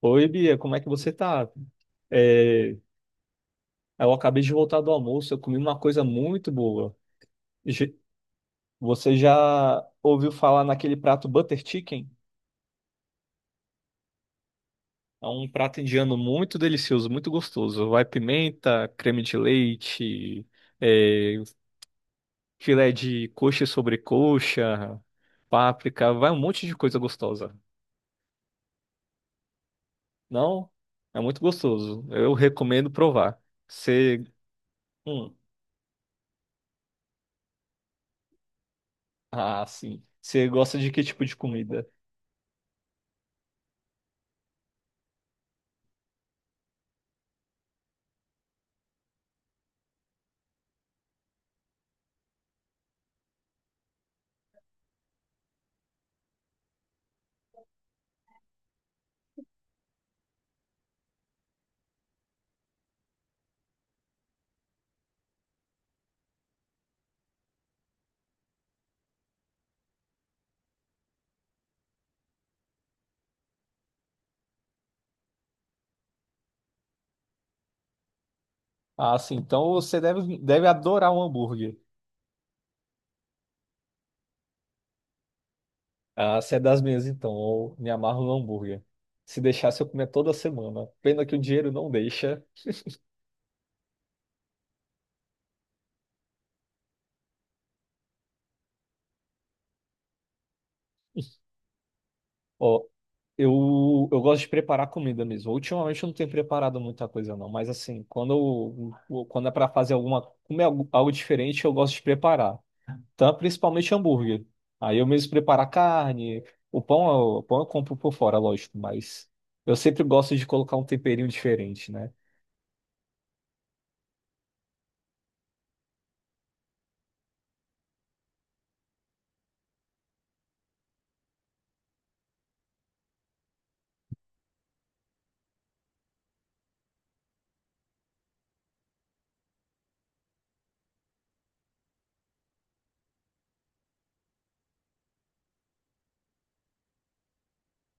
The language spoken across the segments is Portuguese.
Oi, Bia, como é que você tá? É, eu acabei de voltar do almoço, eu comi uma coisa muito boa. Je- Você já ouviu falar naquele prato Butter Chicken? É um prato indiano muito delicioso, muito gostoso. Vai pimenta, creme de leite, é, filé de coxa sobre coxa, páprica, vai um monte de coisa gostosa. Não? É muito gostoso. Eu recomendo provar. Você. Hum, ah, sim. Você gosta de que tipo de comida? Ah, sim. Então você deve adorar um hambúrguer. Ah, você é das minhas, então. Eu me amarro no hambúrguer. Se deixasse, eu comia toda semana. Pena que o dinheiro não deixa. Ó, eu gosto de preparar comida mesmo. Ultimamente eu não tenho preparado muita coisa, não. Mas assim, quando é para fazer comer algo, algo diferente, eu gosto de preparar. Então, principalmente hambúrguer. Aí eu mesmo preparo a carne. O pão, o pão eu compro por fora, lógico. Mas eu sempre gosto de colocar um temperinho diferente, né?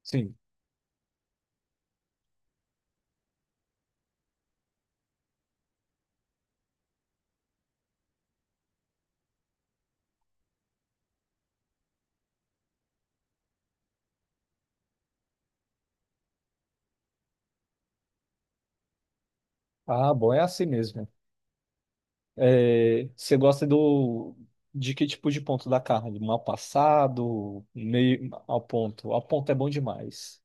Sim. Ah, bom, é assim mesmo. É, você gosta do de que tipo de ponto da carne? Mal passado, meio ao ponto. Ao ponto é bom demais.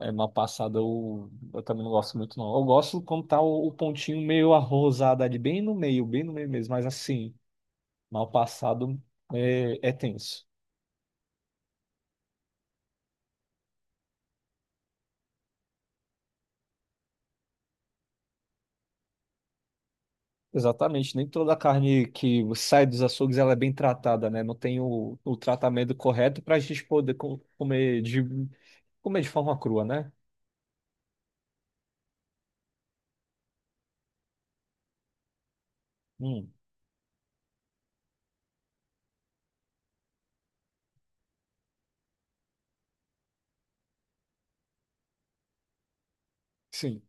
É, mal passado eu também não gosto muito, não. Eu gosto quando tá o pontinho meio arrosado ali, bem no meio mesmo. Mas assim, mal passado é tenso. Exatamente. Nem toda carne que sai dos açougues ela é bem tratada, né? Não tem o tratamento correto para a gente poder comer de forma crua, né? Hum, sim.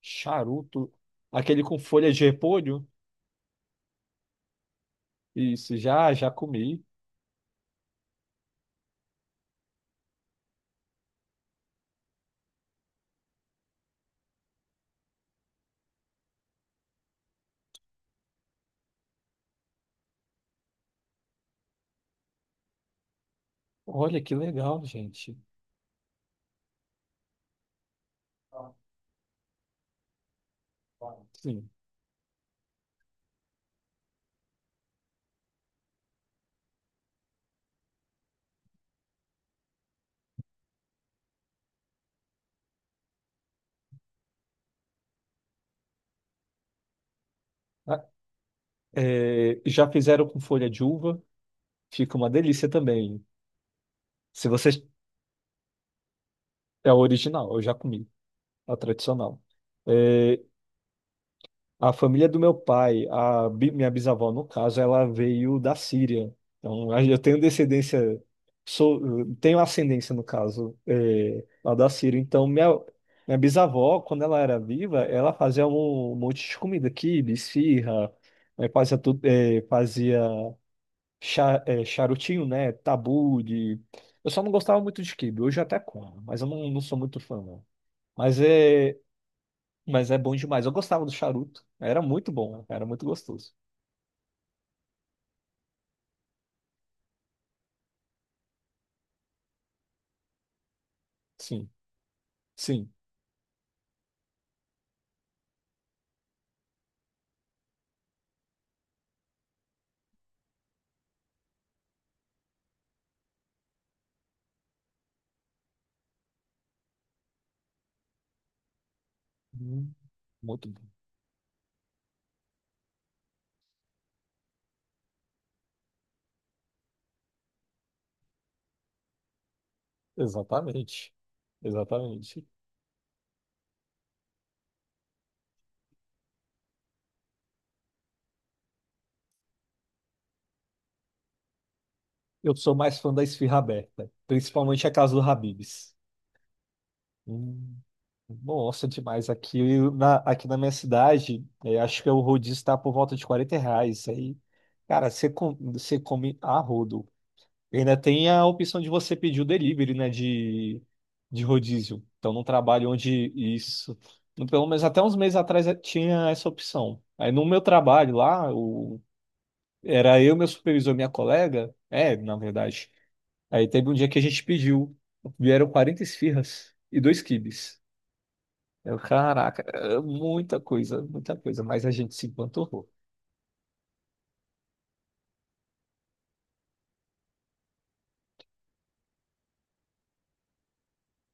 Charuto. Aquele com folha de repolho? Isso, já, já comi. Olha que legal, gente. Sim. Ah, é, já fizeram com folha de uva. Fica uma delícia também. Se você é a original, eu já comi, a tradicional. É, a família do meu pai, minha bisavó, no caso, ela veio da Síria. Então, eu tenho descendência, sou, tenho ascendência, no caso, lá da Síria. Então, minha bisavó, quando ela era viva, ela fazia um monte de comida, quibe, esfirra, fazia, tudo, fazia charutinho, né? Tabu de... Eu só não gostava muito de quibe. Hoje eu até como, mas eu não, não sou muito fã, não. Mas é. Mas é bom demais. Eu gostava do charuto. Era muito bom, era muito gostoso. Sim, sim. Hum, muito bom. Exatamente. Exatamente. Eu sou mais fã da esfirra aberta, principalmente a casa do Habib's. Hum, Nossa, demais. Aqui na minha cidade, acho que o rodízio está por volta de R$ 40. Aí, cara, você come a rodo. E ainda tem a opção de você pedir o delivery, né, de rodízio. Então, num trabalho onde isso, pelo menos até uns meses atrás tinha essa opção. Aí no meu trabalho lá, era eu, meu supervisor, minha colega, é, na verdade. Aí teve um dia que a gente pediu, vieram 40 esfirras e 2 quibes. Eu, caraca, é muita coisa, mas a gente se empanturrou.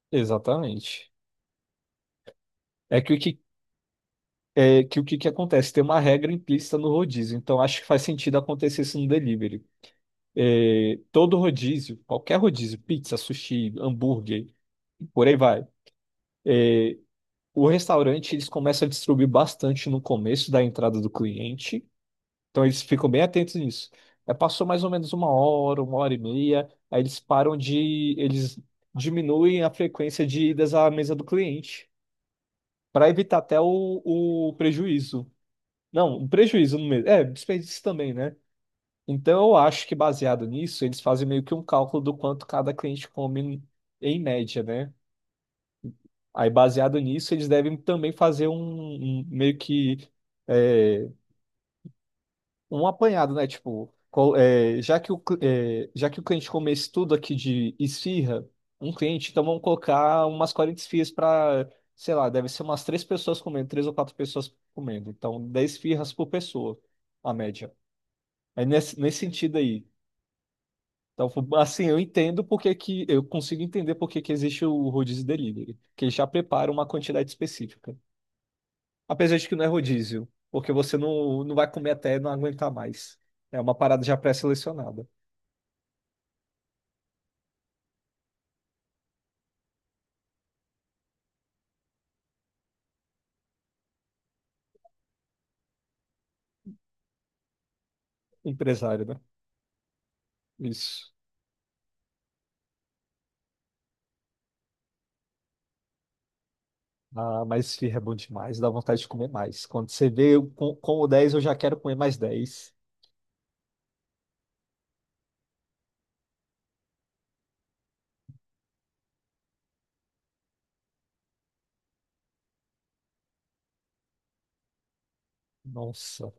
Exatamente. É que o que é que o que que acontece? Tem uma regra implícita no rodízio, então acho que faz sentido acontecer isso no delivery. É, todo rodízio, qualquer rodízio, pizza, sushi, hambúrguer, por aí vai. O restaurante, eles começam a distribuir bastante no começo da entrada do cliente, então eles ficam bem atentos nisso. É, passou mais ou menos uma hora e meia, aí eles diminuem a frequência de idas à mesa do cliente, para evitar até o prejuízo. Não, um prejuízo no mesmo. É, desperdício também, né? Então, eu acho que baseado nisso, eles fazem meio que um cálculo do quanto cada cliente come em média, né? Aí, baseado nisso, eles devem também fazer meio que é, um apanhado, né? Tipo, já que já que o cliente come esse tudo aqui de esfirra, um cliente, então vamos colocar umas 40 esfirras para, sei lá, deve ser umas três pessoas comendo, três ou quatro pessoas comendo. Então, 10 esfirras por pessoa, a média. É nesse sentido aí. Então, assim, eu consigo entender porque que existe o rodízio delivery, que ele já prepara uma quantidade específica. Apesar de que não é rodízio, porque você não, não vai comer até não aguentar mais. É uma parada já pré-selecionada. Empresário, né? Isso. Ah, mas firra é bom demais, dá vontade de comer mais. Quando você vê eu com o dez eu já quero comer mais 10. Nossa.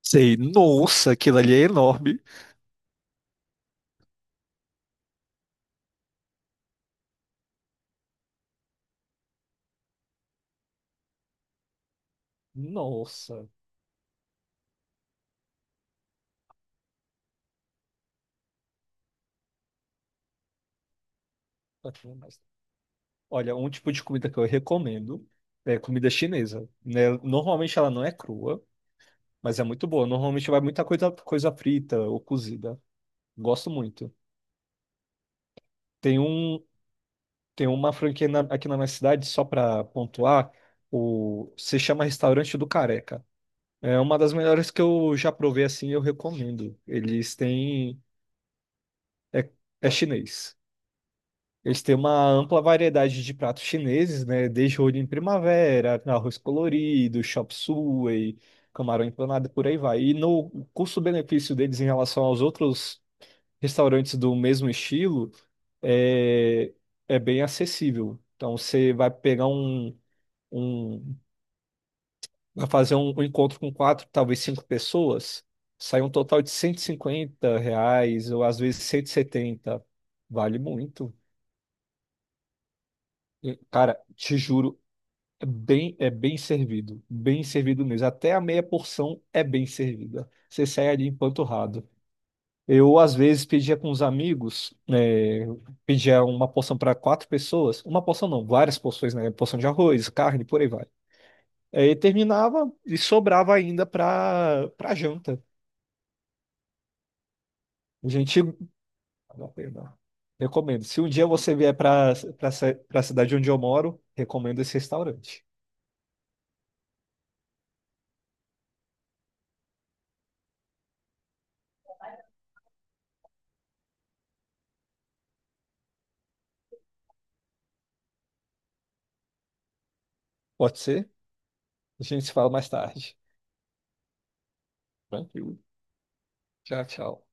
Sei, nossa, aquilo ali é enorme. Nossa, pra comer mais. Olha, um tipo de comida que eu recomendo é comida chinesa, né? Normalmente ela não é crua, mas é muito boa. Normalmente vai muita coisa, coisa frita ou cozida. Gosto muito. Tem um, tem uma franquia aqui na minha cidade, só para pontuar, se chama Restaurante do Careca. É uma das melhores que eu já provei assim, eu recomendo. Eles têm, é, é chinês. Eles têm uma ampla variedade de pratos chineses, né? Desde rolho em primavera, arroz colorido, chop suey, camarão empanado, por aí vai. E no custo-benefício deles em relação aos outros restaurantes do mesmo estilo, é, é bem acessível. Então você vai pegar um, um vai fazer um encontro com quatro, talvez cinco pessoas, sai um total de R$ 150 ou às vezes 170. Vale muito. E, cara, te juro, é bem servido mesmo. Até a meia porção é bem servida. Você sai ali empanturrado. Eu, às vezes, pedia com os amigos, é, pedia uma porção para quatro pessoas, uma porção não, várias porções, né? Porção de arroz, carne, por aí vai. Aí terminava e sobrava ainda para janta. Gente, vale a pena. Recomendo. Se um dia você vier para a cidade onde eu moro, recomendo esse restaurante. Pode ser? A gente se fala mais tarde. Tranquilo. Tchau, tchau.